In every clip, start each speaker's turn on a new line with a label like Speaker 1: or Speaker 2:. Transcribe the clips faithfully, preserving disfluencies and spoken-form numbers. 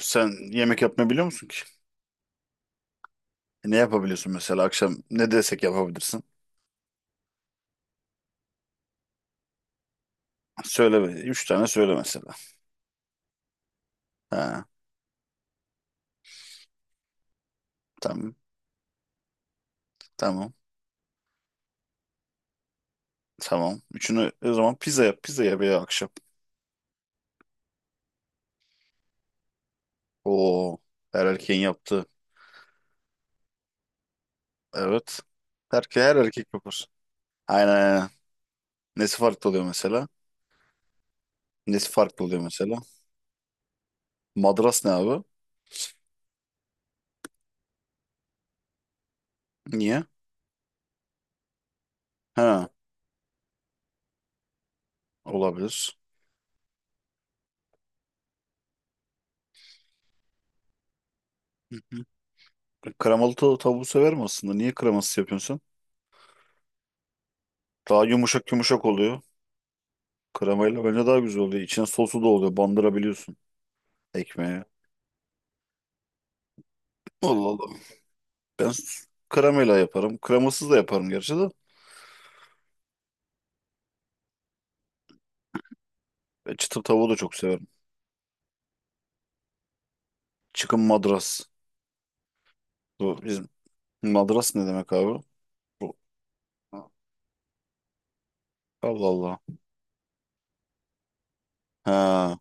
Speaker 1: Sen yemek yapmayı biliyor musun ki? E, Ne yapabiliyorsun mesela akşam ne desek yapabilirsin? Söyle be. Üç tane söyle mesela. Ha, tamam. Tamam. Tamam. Üçünü o zaman pizza yap. Pizza yap ya akşam. Oo. Her erkeğin yaptığı. Evet. Erke, her erkek yapar. Aynen aynen. Nesi farklı oluyor mesela? Nesi farklı oluyor mesela? Madras ne abi? Niye? Ha. Olabilir. Hı hı. Kremalı tav- tavuğu severim aslında. Niye kremasız yapıyorsun sen? Daha yumuşak yumuşak oluyor. Kremayla bence daha güzel oluyor. İçine sosu da oluyor. Bandırabiliyorsun ekmeğe. Allah Allah. Ben s- kremayla yaparım. Kremasız da yaparım gerçi de. E, çıtır tavuğu da çok severim. Çıkın madras. Bu bizim madras ne demek abi? Bu. Allah Allah. Ha.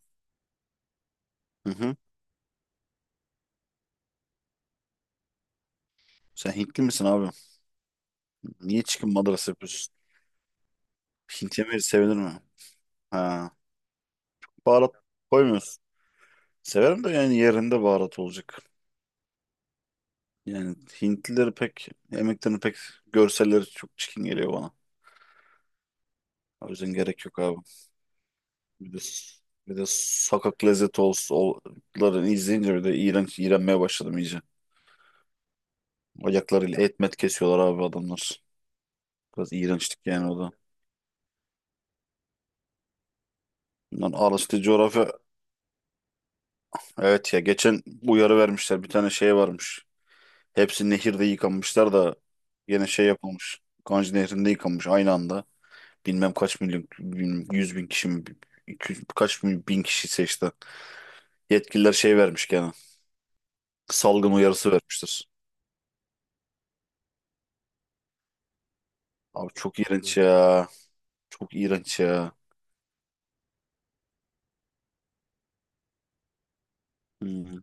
Speaker 1: Hı hı. Sen Hintli misin abi? Niye çıkın madras yapıyorsun? Hint yemeği sevilir mi? Ha. Baharat koymuyorsun. Severim de yani yerinde baharat olacak. Yani Hintlileri pek yemeklerini pek görselleri çok çirkin geliyor bana. O yüzden gerek yok abi. Bir de, bir de sokak lezzeti olsunların izleyince bir de iğrenç iğrenmeye başladım iyice. Ayaklarıyla etmet kesiyorlar abi adamlar. Biraz iğrençlik yani o da. Bundan araştı coğrafya. Evet ya geçen uyarı vermişler. Bir tane şey varmış. Hepsi nehirde yıkanmışlar da yine şey yapılmış. Ganj Nehri'nde yıkanmış aynı anda. Bilmem kaç milyon, bilmem yüz bin kişi mi, iki yüz, kaç bin, bin kişi seçti. Yetkililer şey vermiş gene. Salgın uyarısı vermiştir. Abi çok iğrenç ya. Çok iğrenç ya. Hmm.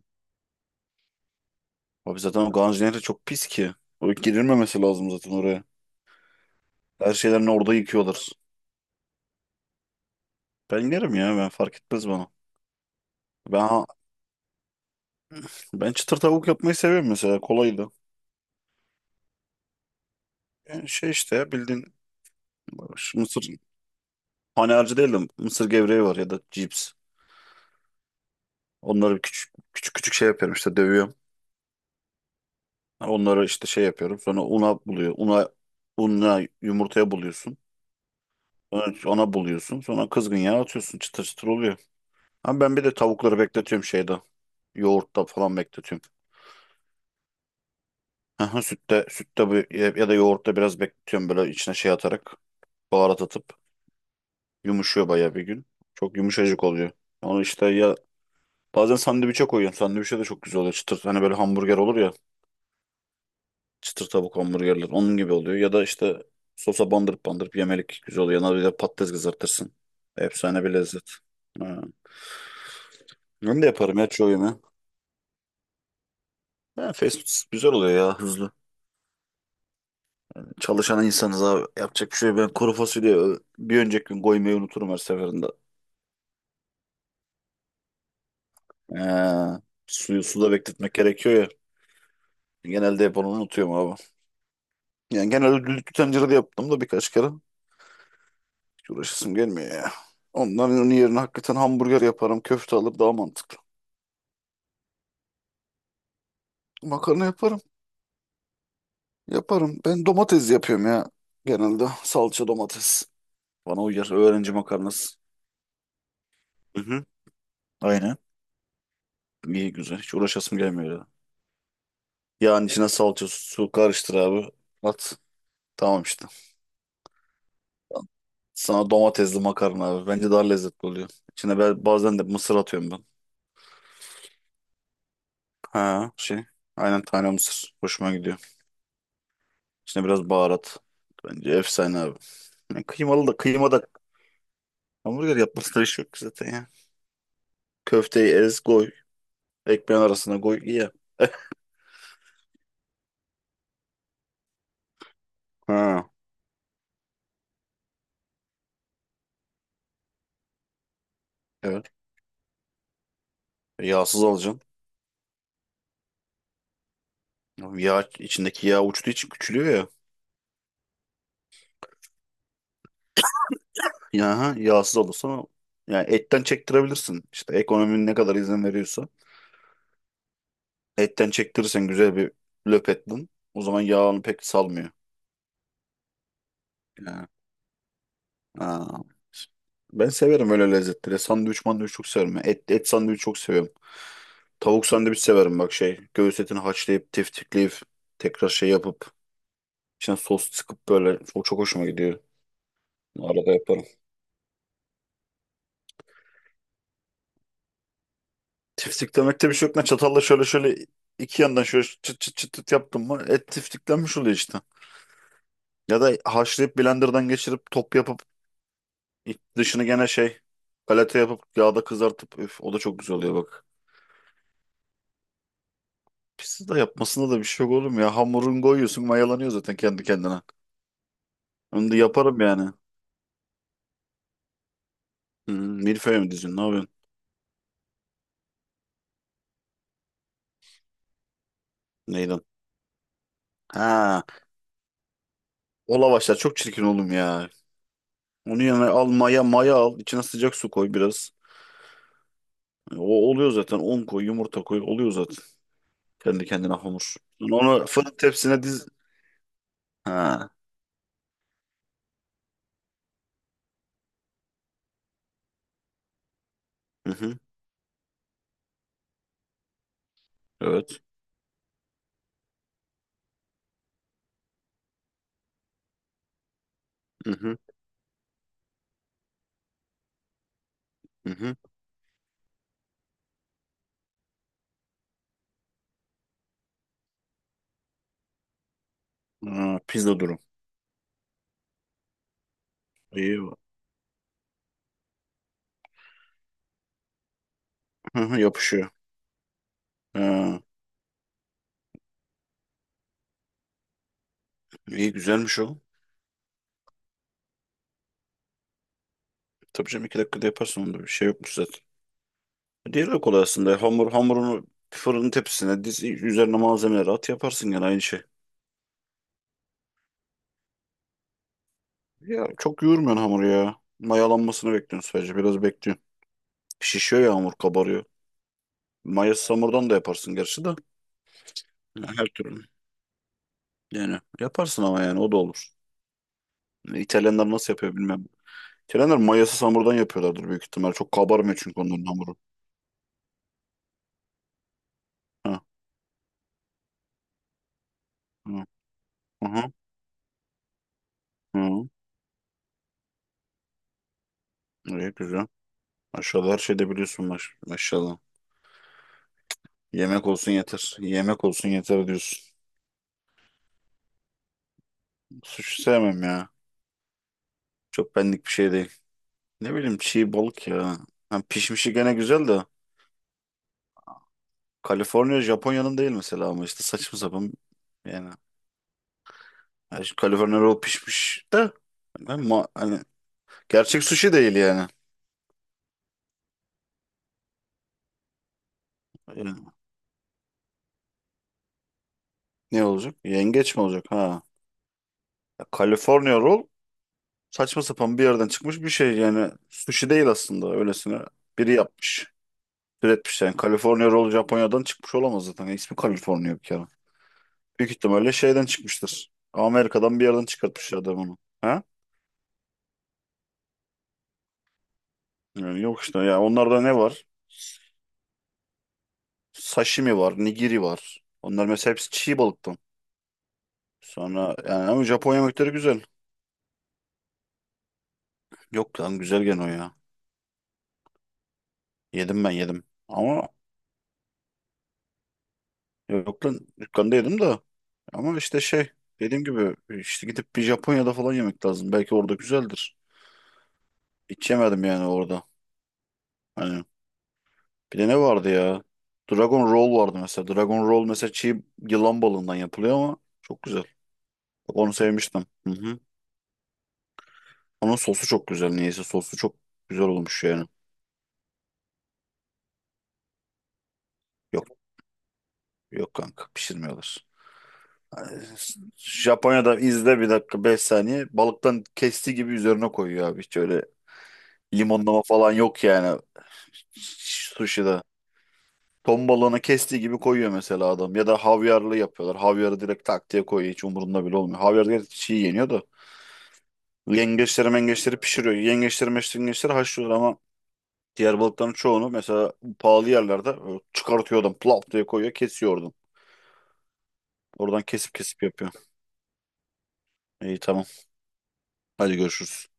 Speaker 1: Abi zaten o Ganjiner de çok pis ki. O girilmemesi lazım zaten oraya. Her şeylerini orada yıkıyorlar. Ben yerim ya ben fark etmez bana. Ben ben çıtır tavuk yapmayı seviyorum mesela kolaydı. Yani şey işte ya, bildiğin şu mısır hani harcı değil de mısır gevreği var ya da cips. Onları küçük küçük küçük şey yapıyorum işte dövüyorum. Onları işte şey yapıyorum. Sonra una buluyor. Una unla yumurtaya buluyorsun. Sonra ona buluyorsun. Sonra kızgın yağ atıyorsun. Çıtır çıtır oluyor. Ama ben bir de tavukları bekletiyorum şeyde. Yoğurtta falan bekletiyorum. Aha, sütte sütte bu ya ya da yoğurtta biraz bekletiyorum böyle içine şey atarak baharat atıp yumuşuyor bayağı bir gün. Çok yumuşacık oluyor. Onu işte ya bazen sandviçe koyuyorum. Sandviçe de çok güzel oluyor. Çıtır hani böyle hamburger olur ya. Çıtır tavuk hamburgerler onun gibi oluyor. Ya da işte sosa bandırıp bandırıp yemelik güzel oluyor. Yanına bir de patates kızartırsın. Efsane bir lezzet. Ha. Ben de yaparım ya çoğu yemeği. Ha, fast food güzel oluyor ya hızlı. Çalışan insanız abi. Yapacak bir şey yok. Ben kuru fasulye ö, bir önceki gün koymayı unuturum her seferinde. Ee, Suyu suda bekletmek gerekiyor ya. Genelde hep onu unutuyorum abi. Yani genelde düdüklü tencerede yaptım da birkaç kere. Hiç uğraşasım gelmiyor ya. Onların onun yerine hakikaten hamburger yaparım. Köfte alır daha mantıklı. Makarna yaparım. Yaparım. Ben domates yapıyorum ya. Genelde salça domates. Bana uyar. Öğrenci makarnası. Hı hı. Aynen. İyi güzel. Hiç uğraşasım gelmiyor ya. Yağın içine salça su su karıştır abi. At. Tamam işte. Sana domatesli makarna abi. Bence daha lezzetli oluyor. İçine ben bazen de mısır atıyorum ben. Ha şey. Aynen tane mısır. Hoşuma gidiyor. İçine biraz baharat. Bence efsane abi. Yani kıymalı da kıyma da hamburger yapmasına iş yok zaten ya. Köfteyi ez koy. Ekmeğin arasına koy ye. Ha evet. Yağsız alacaksın. Yağ içindeki yağ uçtuğu için küçülüyor ya. Ya ha, yağsız olursa yani etten çektirebilirsin. İşte ekonominin ne kadar izin veriyorsa. Etten çektirirsen güzel bir löpetten o zaman yağını pek salmıyor. Yani, ha. Ben severim öyle lezzetleri. Sandviç mandviç çok severim. Ya. Et, et sandviç çok seviyorum. Tavuk sandviç severim bak şey. Göğüs etini haşlayıp tiftikleyip tekrar şey yapıp içine sos sıkıp böyle. O çok hoşuma gidiyor. Arada yaparım. Tiftiklemekte bir şey yok. Ne çatalla şöyle şöyle iki yandan şöyle çıt çıt çıt çıt yaptım mı et tiftiklenmiş oluyor işte. Ya da haşlayıp blenderdan geçirip top yapıp İç dışını gene şey galeta yapıp yağda kızartıp üf, o da çok güzel oluyor bak. Pizza da yapmasında da bir şey yok oğlum ya. Hamurun koyuyorsun mayalanıyor zaten kendi kendine. Onu da yaparım yani. Hmm, Milföy mü diziyorsun? Ne yapıyorsun? Neyden? Ha, o lavaşlar çok çirkin oğlum ya. Onu yerine al maya maya al. İçine sıcak su koy biraz. O oluyor zaten. Un koy, yumurta koy. Oluyor zaten. Kendi kendine hamur. Sonra onu fırın tepsine diz. Ha. Hı hı. Evet. Hı hı. Hı hı. Ha, pizza durum. İyi. Hı hı, yapışıyor. Ha, iyi güzelmiş o. Tabii canım iki dakikada yaparsın onda bir şey yokmuş zaten. Diğeri de kolay aslında. Hamur, hamurunu fırının tepsisine diz, üzerine malzemeleri at yaparsın gene aynı şey. Ya çok yoğurmuyorsun hamuru ya. Mayalanmasını bekliyorsun sadece biraz bekliyorsun. Şişiyor ya hamur kabarıyor. Mayası hamurdan da yaparsın gerçi de. Ya her türlü. Yani yaparsın ama yani o da olur. Yani İtalyanlar nasıl yapıyor bilmem. İtalyanlar mayasız hamurdan yapıyorlardır büyük ihtimal. Çok kabarmıyor çünkü onların hamuru. Ha, ha, aha, ha. İyi, güzel. Maşallah her şeyde biliyorsun maş maşallah. Yemek olsun yeter. Yemek olsun yeter diyorsun. Sushi sevmem ya. Çok benlik bir şey değil. Ne bileyim çiğ balık ya. Ha, pişmişi gene güzel de. Kaliforniya Japonya'nın değil mesela ama işte saçma sapan yani. Ha, şu Kaliforniya roll pişmiş de ben ma- hani gerçek sushi değil yani. Yani ne olacak? Yengeç mi olacak? Ha. Ya, Kaliforniya roll saçma sapan bir yerden çıkmış bir şey yani. Sushi değil aslında öylesine biri yapmış. Üretmiş yani. California Roll Japonya'dan çıkmış olamaz zaten. Yani İsmi California bir kere. Büyük ihtimalle şeyden çıkmıştır. Amerika'dan bir yerden çıkartmış adam onu. Ha? Yani yok işte ya onlarda ne var? Sashimi var, nigiri var. Onlar mesela hepsi çiğ balıktan. Sonra yani ama Japon yemekleri güzel. Yok lan güzel gene o ya. Yedim ben yedim. Ama yok lan dükkanda yedim de. Ama işte şey dediğim gibi işte gidip bir Japonya'da falan yemek lazım. Belki orada güzeldir. Hiç yemedim yani orada. Hani bir de ne vardı ya? Dragon Roll vardı mesela. Dragon Roll mesela çiğ yılan balığından yapılıyor ama çok güzel. Bak onu sevmiştim. Hı hı. Onun sosu çok güzel. Niyeyse sosu çok güzel olmuş yani. Yok yok, kanka pişirmiyorlar. Ee, Japonya'da izle bir dakika beş saniye. Balıktan kestiği gibi üzerine koyuyor abi. Hiç öyle limonlama falan yok yani. Sushi'de. Ton balığını kestiği gibi koyuyor mesela adam. Ya da havyarlı yapıyorlar. Havyarı direkt tak diye koyuyor. Hiç umurunda bile olmuyor. Havyar direkt çiğ yeniyor da. Yengeçleri mengeçleri pişiriyor. Yengeçleri meşleri yengeçleri haşlıyor ama diğer balıkların çoğunu mesela pahalı yerlerde e, çıkartıyor adam. Plop diye koyuyor kesiyor oradan. Oradan kesip kesip yapıyor. İyi tamam. Hadi görüşürüz.